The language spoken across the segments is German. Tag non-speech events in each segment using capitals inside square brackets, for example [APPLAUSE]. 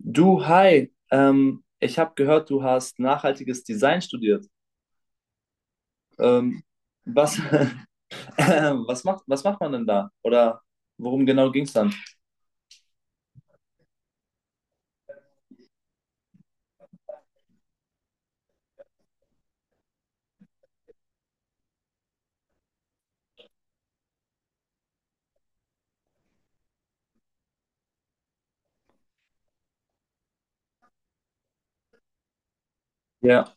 Du, hi, ich habe gehört, du hast nachhaltiges Design studiert. Ähm, was, [LAUGHS] was macht man denn da? Oder worum genau ging es dann? Ja,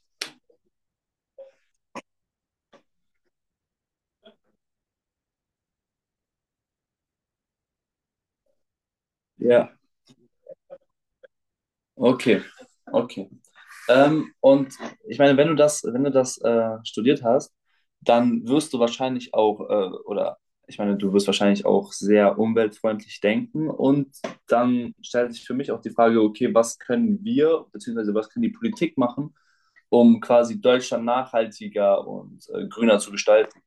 ja, okay, okay. Und ich meine, wenn du das studiert hast, dann wirst du wahrscheinlich oder ich meine, du wirst wahrscheinlich auch sehr umweltfreundlich denken. Und dann stellt sich für mich auch die Frage, okay, was können wir, beziehungsweise was kann die Politik machen, um quasi Deutschland nachhaltiger und grüner zu gestalten?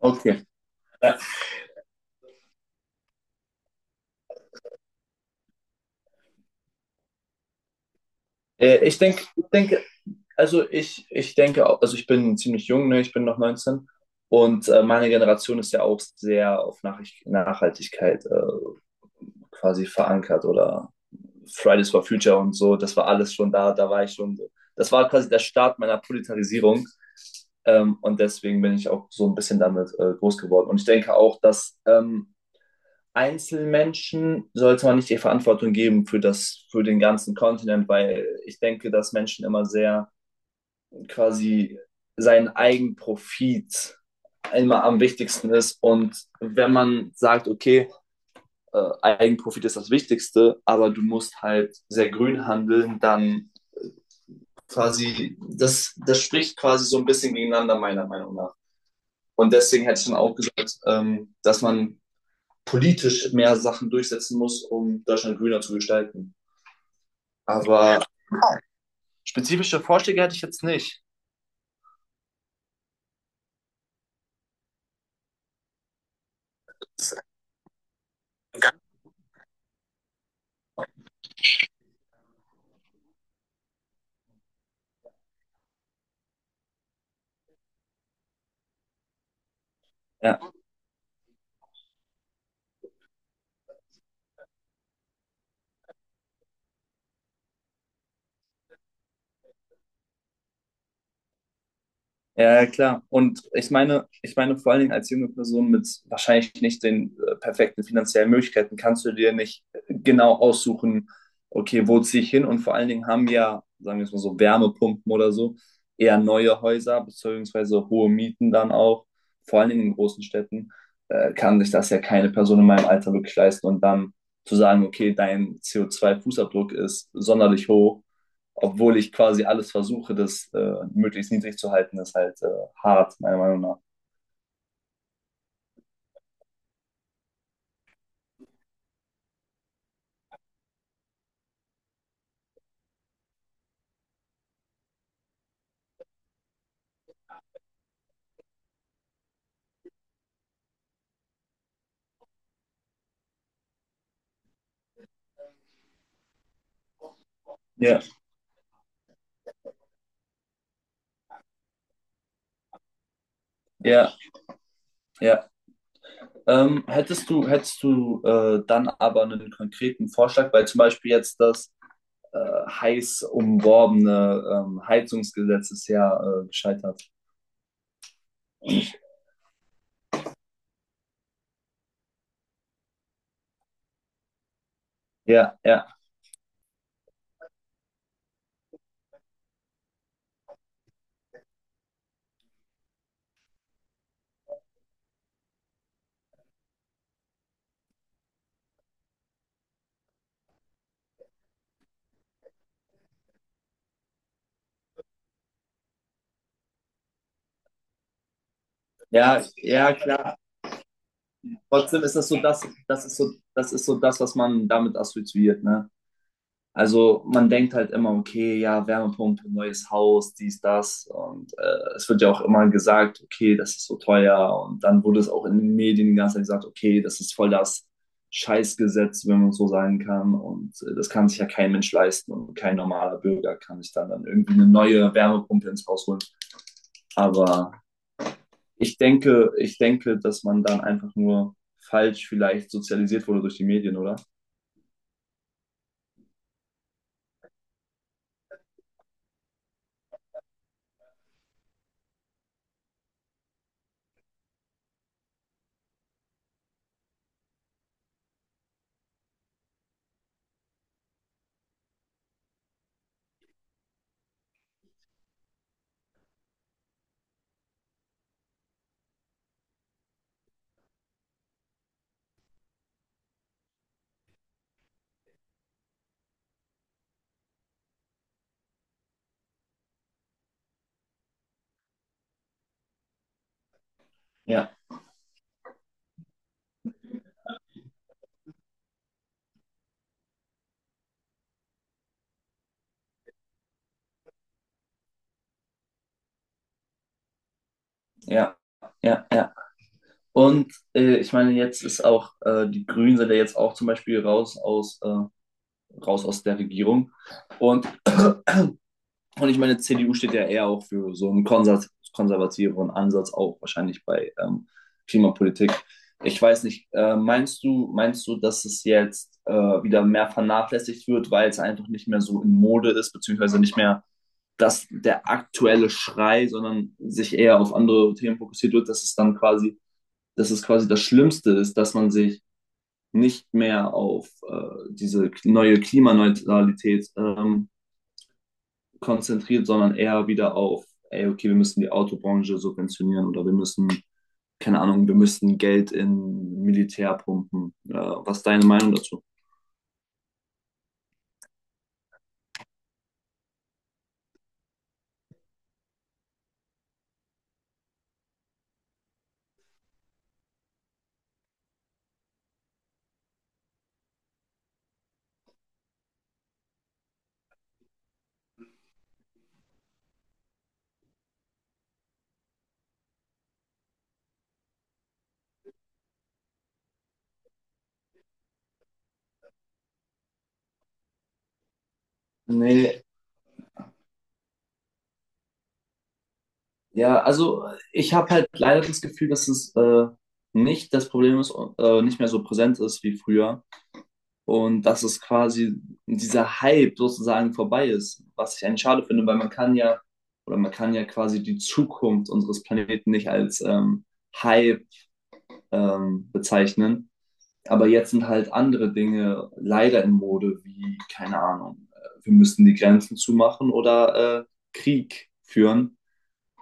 Okay. Ich denke, also ich denke, also ich bin ziemlich jung, ne? Ich bin noch 19. Und meine Generation ist ja auch sehr auf Nachricht Nachhaltigkeit quasi verankert oder Fridays for Future und so. Das war alles schon da, da war ich schon so. Das war quasi der Start meiner Proletarisierung. Und deswegen bin ich auch so ein bisschen damit groß geworden. Und ich denke auch, dass Einzelmenschen sollte man nicht die Verantwortung geben für das, für den ganzen Kontinent, weil ich denke, dass Menschen immer sehr quasi seinen Eigenprofit immer am wichtigsten ist. Und wenn man sagt, okay, Eigenprofit ist das Wichtigste, aber du musst halt sehr grün handeln, dann quasi, das spricht quasi so ein bisschen gegeneinander, meiner Meinung nach. Und deswegen hätte ich dann auch gesagt, dass man politisch mehr Sachen durchsetzen muss, um Deutschland grüner zu gestalten. Aber spezifische Vorschläge hätte ich jetzt nicht. Ja, ja, ja, klar. Und ich meine vor allen Dingen als junge Person mit wahrscheinlich nicht den perfekten finanziellen Möglichkeiten kannst du dir nicht genau aussuchen, okay, wo ziehe ich hin? Und vor allen Dingen haben ja, sagen wir es mal so, Wärmepumpen oder so, eher neue Häuser, beziehungsweise hohe Mieten dann auch. Vor allen Dingen in großen Städten kann sich das ja keine Person in meinem Alter wirklich leisten. Und dann zu sagen, okay, dein CO2-Fußabdruck ist sonderlich hoch, obwohl ich quasi alles versuche, das möglichst niedrig zu halten, ist halt hart, meiner Meinung nach. Ja, ja, ja. Hättest du dann aber einen konkreten Vorschlag, weil zum Beispiel jetzt das äh, heiß umworbene Heizungsgesetz ist ja gescheitert. Ja, ja, ja, ja, klar. Trotzdem ist das so das, das ist so, das ist so das, was man damit assoziiert, ne? Also man denkt halt immer, okay, ja, Wärmepumpe, neues Haus, dies, das. Und es wird ja auch immer gesagt, okay, das ist so teuer. Und dann wurde es auch in den Medien die ganze Zeit gesagt, okay, das ist voll das Scheißgesetz, wenn man so sagen kann. Und das kann sich ja kein Mensch leisten und kein normaler Bürger kann sich dann irgendwie eine neue Wärmepumpe ins Haus holen. Aber ich denke, dass man dann einfach nur falsch vielleicht sozialisiert wurde durch die Medien, oder? Ja, ja, ja, ja. Und ich meine, jetzt ist die Grünen sind ja jetzt auch zum Beispiel raus aus der Regierung. Und, und ich meine, CDU steht ja eher auch für so einen konservativeren Ansatz, auch wahrscheinlich bei Klimapolitik. Ich weiß nicht, meinst du, dass es jetzt wieder mehr vernachlässigt wird, weil es einfach nicht mehr so in Mode ist, beziehungsweise nicht mehr dass der aktuelle Schrei, sondern sich eher auf andere Themen fokussiert wird, dass es dann quasi dass es quasi das Schlimmste ist, dass man sich nicht mehr auf diese neue Klimaneutralität konzentriert, sondern eher wieder auf, ey, okay, wir müssen die Autobranche subventionieren oder wir müssen, keine Ahnung, wir müssen Geld in Militär pumpen. Was ist deine Meinung dazu? Nee, ja, also ich habe halt leider das Gefühl, dass es nicht das Problem ist, nicht mehr so präsent ist wie früher. Und dass es quasi dieser Hype sozusagen vorbei ist, was ich eigentlich schade finde, weil man kann ja oder man kann ja quasi die Zukunft unseres Planeten nicht als Hype bezeichnen. Aber jetzt sind halt andere Dinge leider in Mode, wie, keine Ahnung, wir müssten die Grenzen zumachen oder Krieg führen,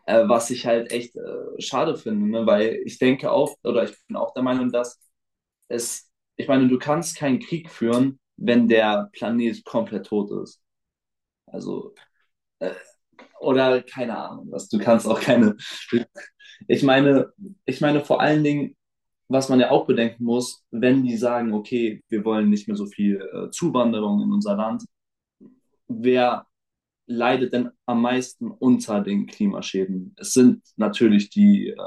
was ich halt echt schade finde, ne? Weil ich denke auch, oder ich bin auch der Meinung, dass es, ich meine, du kannst keinen Krieg führen, wenn der Planet komplett tot ist. Also, äh, oder keine Ahnung, was, du kannst auch keine. [LAUGHS] Ich meine, ich meine vor allen Dingen, was man ja auch bedenken muss, wenn die sagen, okay, wir wollen nicht mehr so viel Zuwanderung in unser Land, wer leidet denn am meisten unter den Klimaschäden? Es sind natürlich die,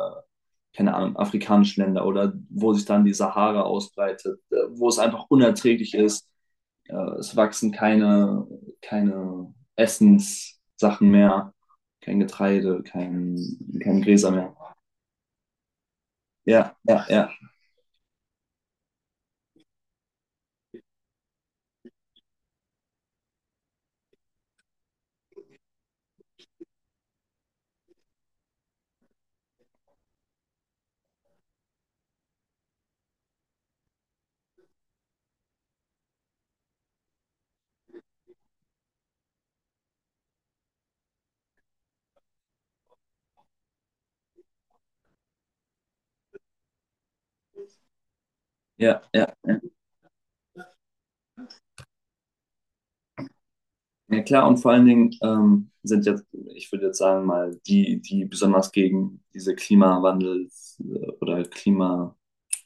keine Ahnung, afrikanischen Länder oder wo sich dann die Sahara ausbreitet, wo es einfach unerträglich ist. Es wachsen keine Essenssachen mehr, kein Getreide, kein Gräser mehr. Ja, ja, ja, ja, ja, ja. Ja, klar, und vor allen Dingen sind jetzt, ich würde jetzt sagen, mal die, die besonders gegen diese Klimawandel oder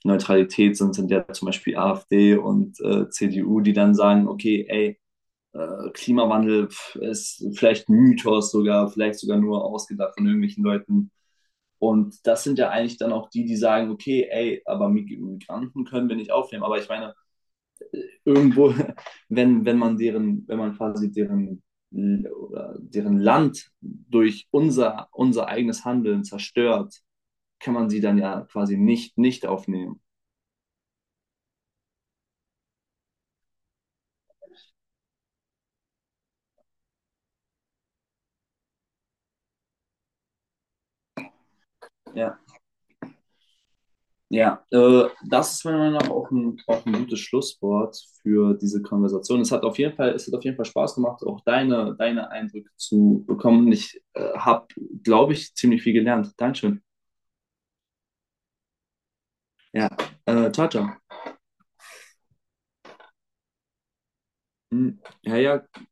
Klimaneutralität sind, sind ja zum Beispiel AfD und CDU, die dann sagen, okay, ey, Klimawandel pf, ist vielleicht ein Mythos sogar, vielleicht sogar nur ausgedacht von irgendwelchen Leuten. Und das sind ja eigentlich dann auch die, die sagen, okay, ey, aber Migranten können wir nicht aufnehmen. Aber ich meine, irgendwo, [LAUGHS] wenn man wenn man quasi deren Land durch unser eigenes Handeln zerstört, kann man sie dann ja quasi nicht aufnehmen. Ja. Ja, das ist meiner Meinung nach auch auch ein gutes Schlusswort für diese Konversation. Es hat auf jeden Fall Spaß gemacht, auch deine Eindrücke zu bekommen. Ich habe, glaube ich, ziemlich viel gelernt. Dankeschön. Ja, ciao, ciao. Hm, ja, ja,